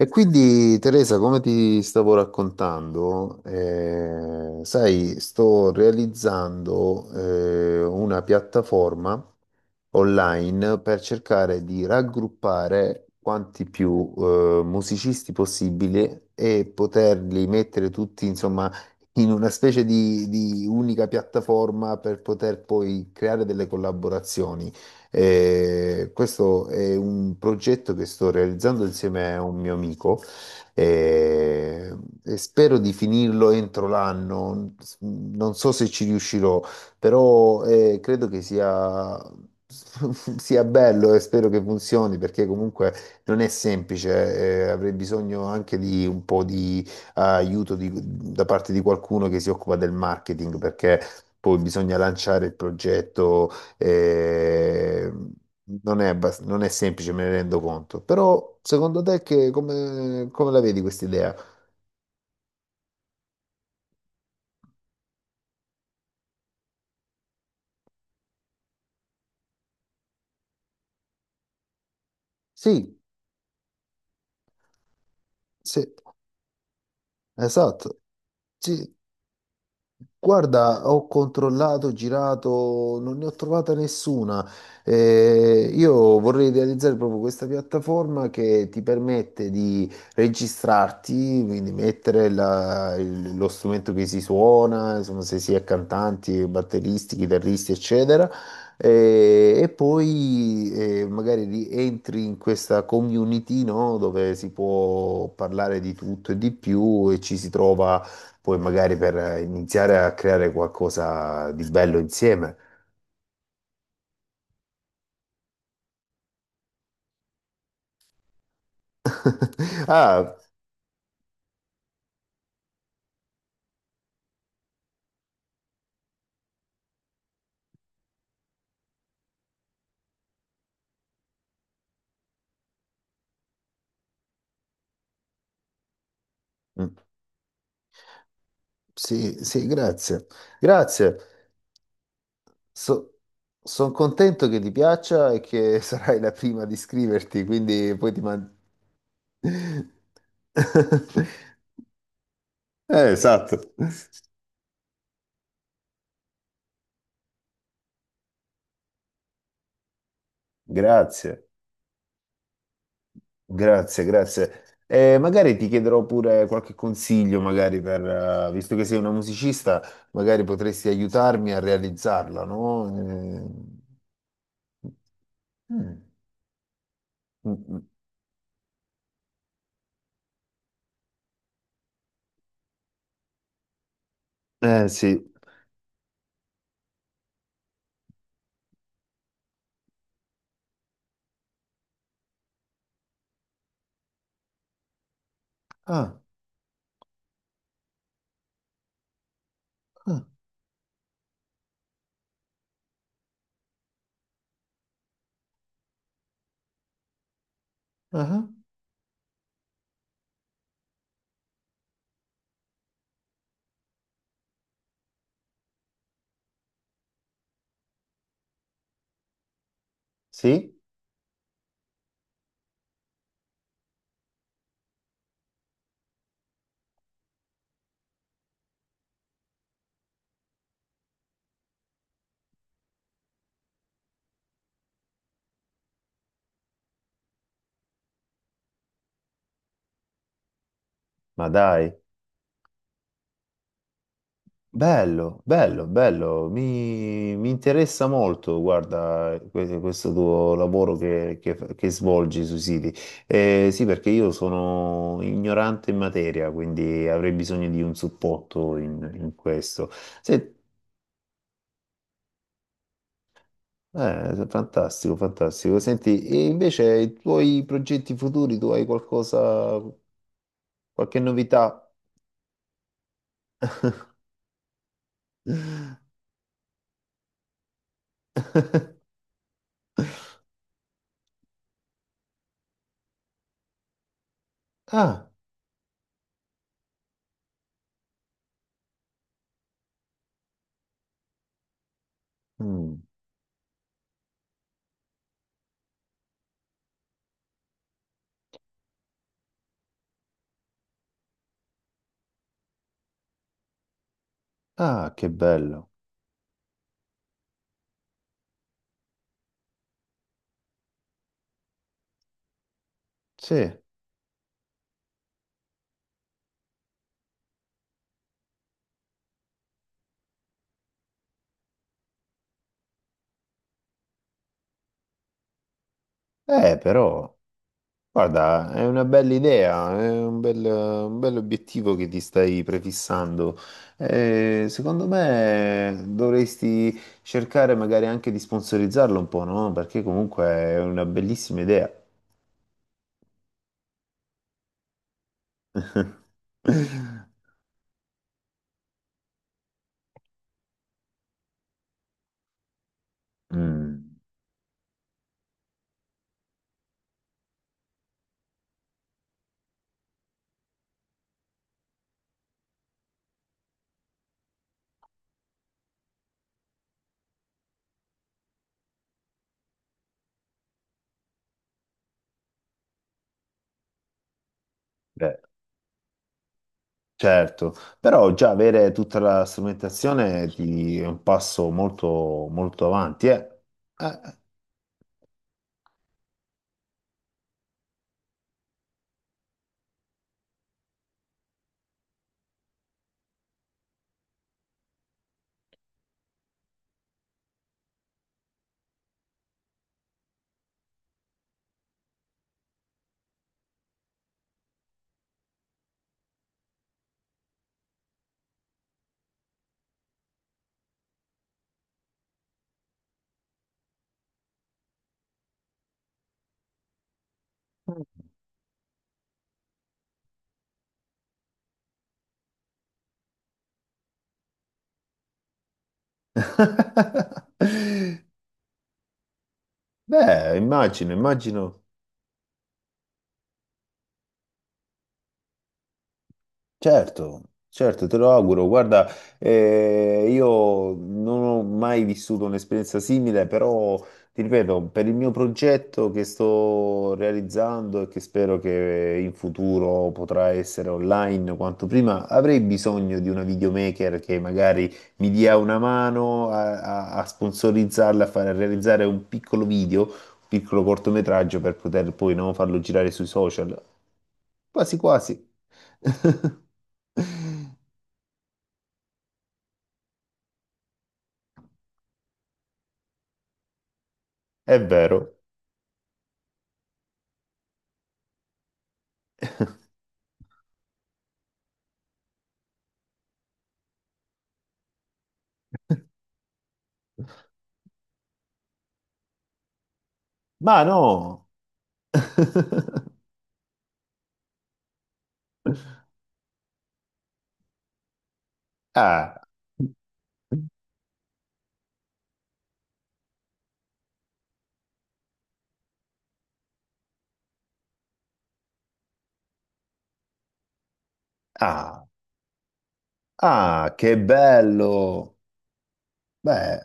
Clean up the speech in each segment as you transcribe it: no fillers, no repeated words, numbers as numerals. E quindi Teresa, come ti stavo raccontando, sai, sto realizzando una piattaforma online per cercare di raggruppare quanti più musicisti possibile e poterli mettere tutti, insomma, in una specie di unica piattaforma per poter poi creare delle collaborazioni. Questo è un progetto che sto realizzando insieme a un mio amico eh, e spero di finirlo entro l'anno. Non so se ci riuscirò, però credo che sia, sia bello e spero che funzioni perché comunque non è semplice. Avrei bisogno anche di un po' di aiuto da parte di qualcuno che si occupa del marketing perché poi bisogna lanciare il progetto eh, non è, non è semplice, me ne rendo conto. Però, secondo te, come la vedi questa idea? Sì, sì, esatto. Sì, guarda, ho controllato, girato, non ne ho trovata nessuna. Io vorrei realizzare proprio questa piattaforma che ti permette di registrarti, quindi mettere lo strumento che si suona, insomma, se si è cantanti, batteristi, chitarristi, eccetera. Eh, E, poi magari entri in questa community, no? Dove si può parlare di tutto e di più e ci si trova poi magari per iniziare a creare qualcosa di bello insieme. Ah, mm, sì, sì, grazie. Grazie. Sono contento che ti piaccia e che sarai la prima ad iscriverti, quindi poi ti mando... esatto. Grazie. Grazie, grazie. Magari ti chiederò pure qualche consiglio, magari per, visto che sei una musicista, magari potresti aiutarmi a realizzarla, no? Mm, mm, mm. Eh, sì. Ah, ah, ah, ah. Sì? Ma dai. Bello, bello, bello, mi interessa molto, guarda, questo tuo lavoro che svolgi sui siti. Sì, perché io sono ignorante in materia, quindi avrei bisogno di un supporto in questo. Se- fantastico, fantastico. Senti, e invece i tuoi progetti futuri, tu hai qualcosa, qualche novità? Ah, mm, ah, che bello. Sì, però. Guarda, è una bella idea, è un bel obiettivo che ti stai prefissando. Secondo me dovresti cercare magari anche di sponsorizzarlo un po', no? Perché comunque è una bellissima idea. Mm, beh, certo, però già avere tutta la strumentazione è un passo molto, molto avanti, eh. Eh. Beh, immagino, immagino. Certo, certo, te lo auguro. Guarda, io non ho mai vissuto un'esperienza simile, però ti ripeto, per il mio progetto che sto realizzando e che spero che in futuro potrà essere online quanto prima, avrei bisogno di una videomaker che magari mi dia una mano a sponsorizzarla, a fare, a realizzare un piccolo video, un piccolo cortometraggio per poter poi no, farlo girare sui social. Quasi quasi. È vero. Ma no! Ah, ah, ah, che bello! Beh,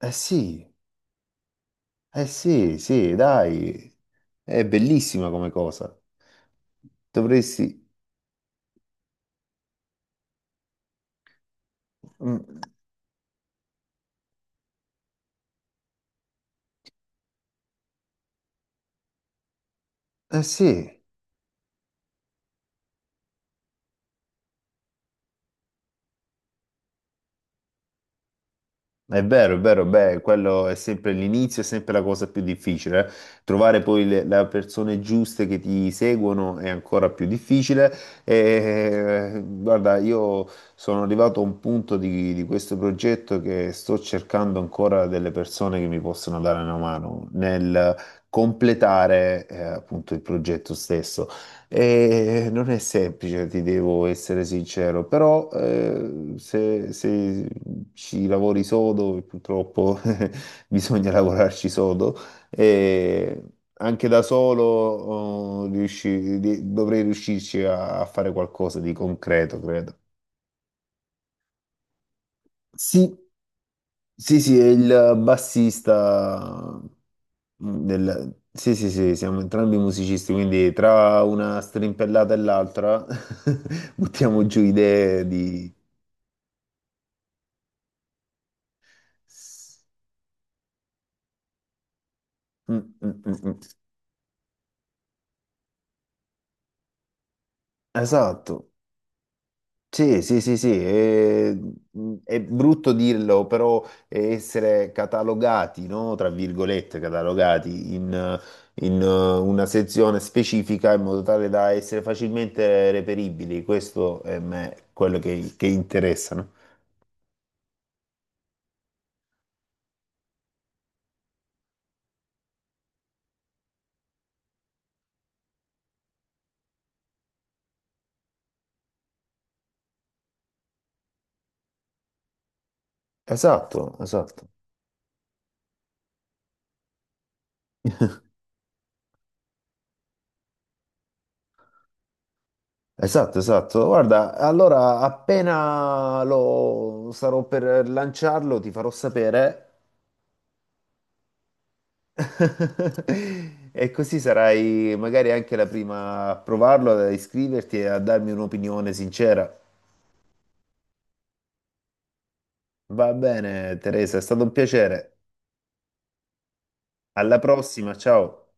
eh sì, eh sì, sì, dai, è bellissima come cosa. Dovresti... mm, eh sì. È vero, beh, quello è sempre l'inizio, è sempre la cosa più difficile. Eh. Trovare poi le persone giuste che ti seguono è ancora più difficile. E, guarda, io sono arrivato a un punto di questo progetto che sto cercando ancora delle persone che mi possono dare una mano nel completare, appunto il progetto stesso. E non è semplice, ti devo essere sincero, però se ci lavori sodo, e purtroppo bisogna lavorarci sodo, eh, anche da solo oh, dovrei riuscirci a, fare qualcosa di concreto, credo. Sì, sì, sì, è il bassista del... Sì, sì, sì, siamo entrambi musicisti, quindi tra una strimpellata e l'altra buttiamo giù idee di... Mm, mm, mm, mm. Esatto. Sì, sì, sì, sì, è brutto dirlo, però essere catalogati, no? Tra virgolette, catalogati in una sezione specifica in modo tale da essere facilmente reperibili, questo è quello che interessa, no? Esatto, esatto. Esatto, esatto. Guarda, allora appena lo sarò per lanciarlo ti farò sapere. E così sarai magari anche la prima a provarlo, ad iscriverti e a darmi un'opinione sincera. Va bene, Teresa, è stato un piacere. Alla prossima, ciao.